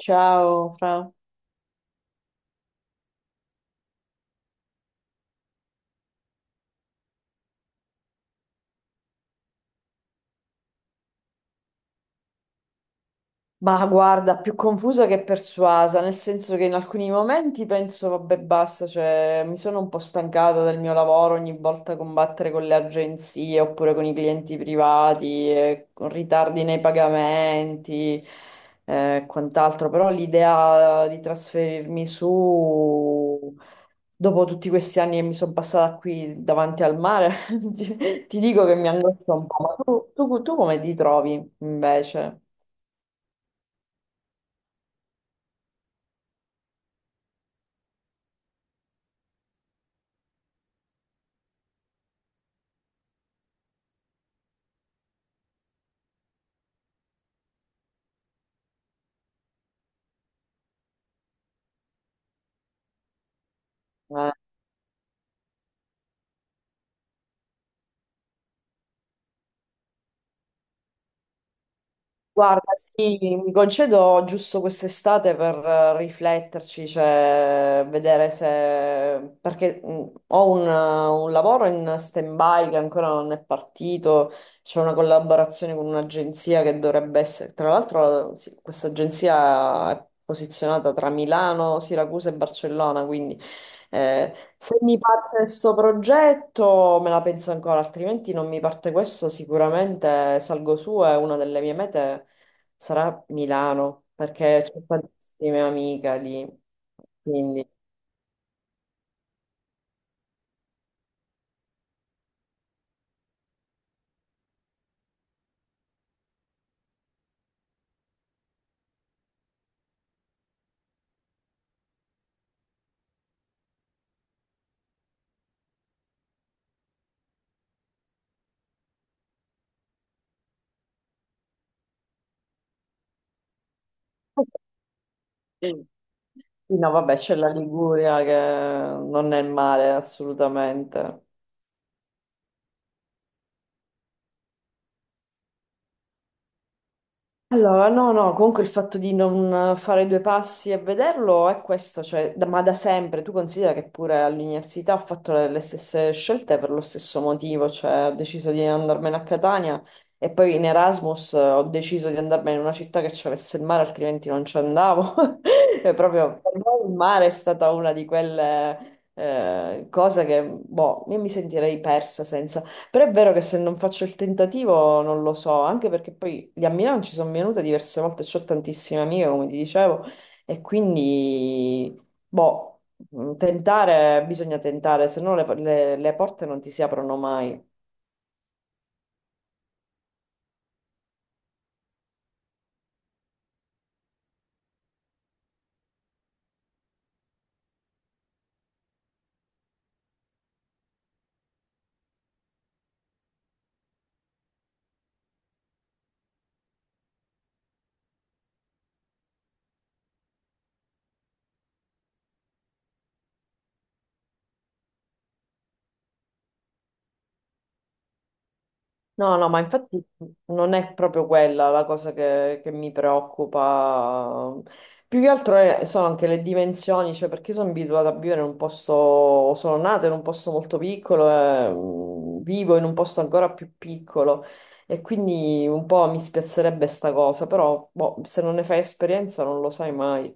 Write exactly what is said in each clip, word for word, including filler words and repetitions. Ciao, Fra. Ma guarda, più confusa che persuasa, nel senso che in alcuni momenti penso, vabbè, basta, cioè, mi sono un po' stancata del mio lavoro ogni volta combattere con le agenzie oppure con i clienti privati, e con ritardi nei pagamenti eh, e quant'altro, però l'idea di trasferirmi su, dopo tutti questi anni che mi sono passata qui davanti al mare, ti dico che mi angoscia un po', ma tu, tu tu come ti trovi invece? Eh, Guarda, sì, mi concedo giusto quest'estate per eh, rifletterci, cioè vedere se perché mh, ho un, eh, un lavoro in stand-by che ancora non è partito, c'è una collaborazione con un'agenzia che dovrebbe essere. Tra l'altro, sì, questa agenzia è posizionata tra Milano, Siracusa e Barcellona, quindi eh, se mi parte questo progetto me la penso ancora, altrimenti non mi parte questo, sicuramente salgo su e una delle mie mete sarà Milano, perché c'ho tantissime amiche lì. Quindi, sì, no, vabbè, c'è la Liguria che non è male assolutamente. Allora, no, no, comunque il fatto di non fare due passi e vederlo è questo, cioè, da- ma da sempre, tu considera che pure all'università ho fatto le, le stesse scelte per lo stesso motivo, cioè ho deciso di andarmene a Catania e poi in Erasmus eh, ho deciso di andarmene in una città che c'avesse il mare, altrimenti non ci andavo. E proprio per me il mare è stata una di quelle eh, cose che, boh, io mi sentirei persa senza, però è vero che se non faccio il tentativo non lo so, anche perché poi lì a Milano ci sono venuta diverse volte, ho tantissime amiche, come ti dicevo, e quindi, boh, mh, tentare, bisogna tentare, se no le, le- le porte non ti si aprono mai. No, no, ma infatti non è proprio quella la cosa che, che mi preoccupa. Più che altro è- sono anche le dimensioni, cioè perché sono abituata a vivere in un posto, sono nata in un posto molto piccolo, e, mm, vivo in un posto ancora più piccolo e quindi un po' mi spiazzerebbe sta cosa, però boh, se non ne fai esperienza non lo sai mai.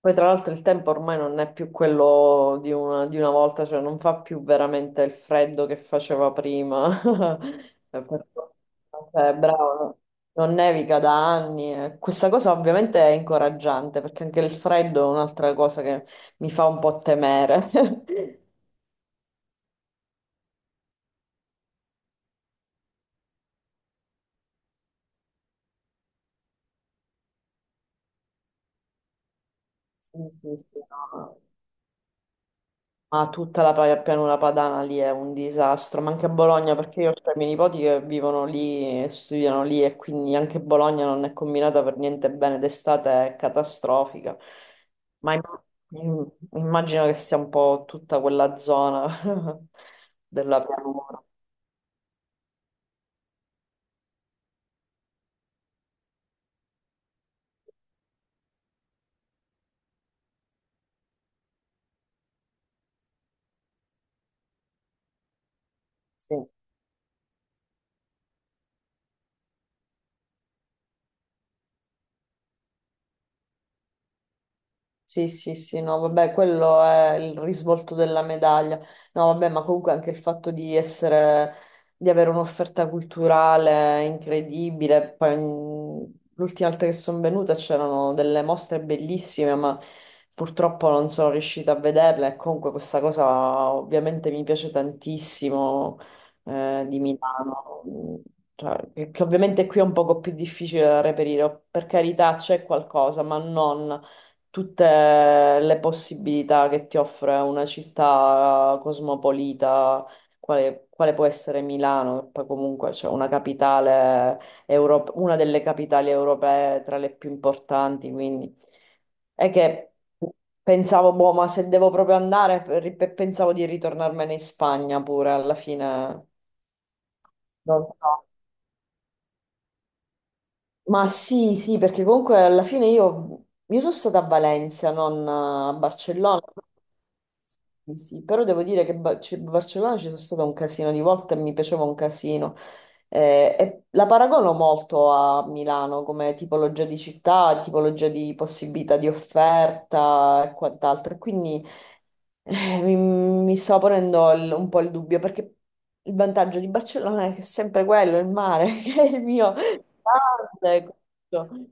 Poi tra l'altro il tempo ormai non è più quello di una, di una volta, cioè non fa più veramente il freddo che faceva prima. Eh, per- cioè, bravo, no, non nevica da anni. Eh. Questa cosa ovviamente è incoraggiante perché anche il freddo è un'altra cosa che mi fa un po' temere. Sì, sì, sì, no. Ma tutta la pa- pianura padana lì è un disastro, ma anche a Bologna, perché io ho i miei nipoti che vivono lì, e studiano lì e quindi anche Bologna non è combinata per niente bene, d'estate è catastrofica. Ma imm- imm- immagino che sia un po' tutta quella zona della pianura. Sì. Sì, sì, sì, no, vabbè, quello è il risvolto della medaglia. No, vabbè, ma comunque anche il fatto di essere, di avere un'offerta culturale incredibile. Poi, mm, l'ultima volta che sono venuta c'erano delle mostre bellissime, ma purtroppo non sono riuscita a vederle. E comunque questa cosa ovviamente mi piace tantissimo, eh, di Milano. Mm, cioè, che che ovviamente qui è un poco più difficile da reperire, per carità c'è qualcosa, ma non tutte le possibilità che ti offre una città cosmopolita, quale, quale può essere Milano, che poi comunque c'è una capitale europea, una delle capitali europee tra le più importanti, quindi è che pensavo, boh, ma se devo proprio andare, per- per- pensavo di ritornarmene in Spagna pure alla fine. Non so. Ma sì, sì, perché comunque alla fine io, io sono stata a Valencia, non a Barcellona. Sì, sì, però devo dire che Ba- ci- Barcellona ci sono stata un casino di volte e mi piaceva un casino. Eh, e la paragono molto a Milano come tipologia di città, tipologia di possibilità di offerta e quant'altro. E quindi eh, mi, mi stava ponendo il- un po' il dubbio, perché il vantaggio di Barcellona è che è sempre quello, il mare, che è il mio grande.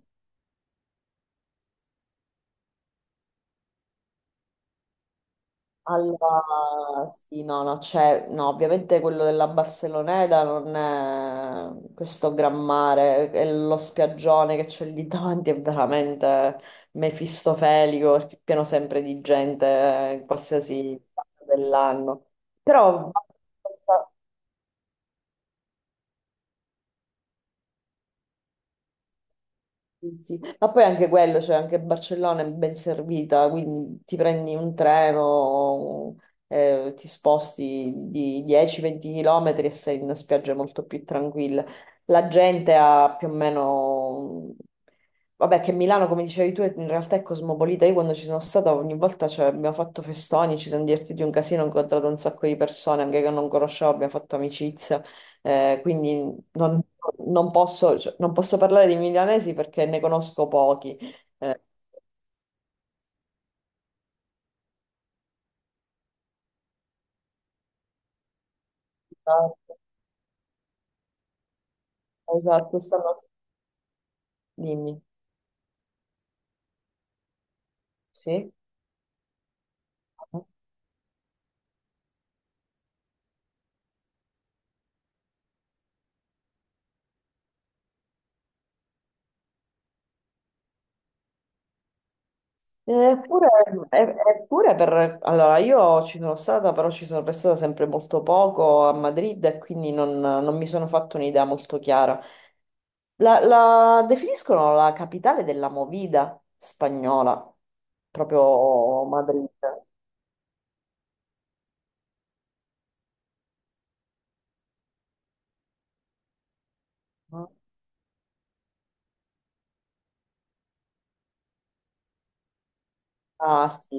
Allora, sì, no, no, c'è, no, ovviamente quello della Barceloneta non è questo gran mare, è lo spiaggione che c'è lì davanti è veramente mefistofelico, perché è pieno sempre di gente eh, in qualsiasi parte dell'anno. Però sì, sì. Ma poi anche quello, cioè anche Barcellona è ben servita, quindi ti prendi un treno, eh, ti sposti di dieci venti km e sei in una spiaggia molto più tranquilla. La gente ha più o meno. Vabbè, che Milano, come dicevi tu, in realtà è cosmopolita. Io quando ci sono stata ogni volta cioè, abbiamo fatto festoni, ci siamo divertiti un casino, ho incontrato un sacco di persone, anche che non conoscevo, abbiamo fatto amicizia. Eh, quindi non, non posso, cioè, non posso parlare di milanesi perché ne conosco pochi. Eh, esatto, esatto, stanno. Dimmi, sì. Eppure, e- eppure per. Allora, io ci sono stata, però ci sono restata sempre molto poco a Madrid e quindi non, non mi sono fatto un'idea molto chiara. La, la definiscono la capitale della movida spagnola, proprio Madrid. No? Ah sì,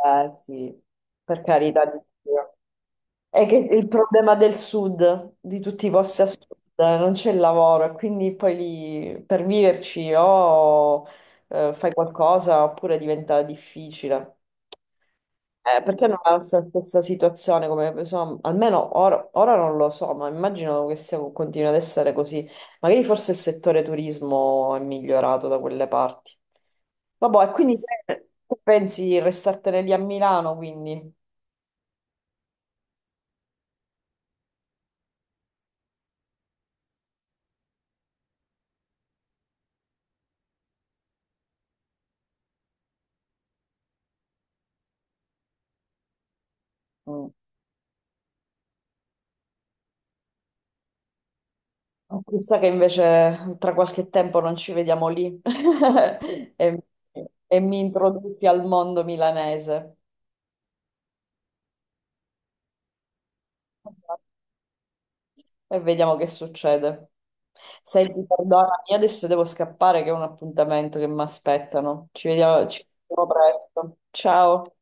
vabbè, sì, per carità di Dio. È che il problema del sud, di tutti i posti a sud, eh, non c'è il lavoro e quindi poi lì per viverci o eh, fai qualcosa oppure diventa difficile. Eh, perché non è la st- stessa situazione, come, insomma, almeno ora, ora non lo so, ma immagino che sia, continui ad essere così. Magari forse il settore turismo è migliorato da quelle parti. Vabbè, e quindi te- tu pensi di restartene lì a Milano, quindi mm. Chissà che invece tra qualche tempo non ci vediamo lì e, e mi introduci al mondo milanese. E vediamo che succede. Senti, perdonami, io adesso devo scappare che ho un appuntamento che mi aspettano. Ci vediamo, ci vediamo presto. Ciao.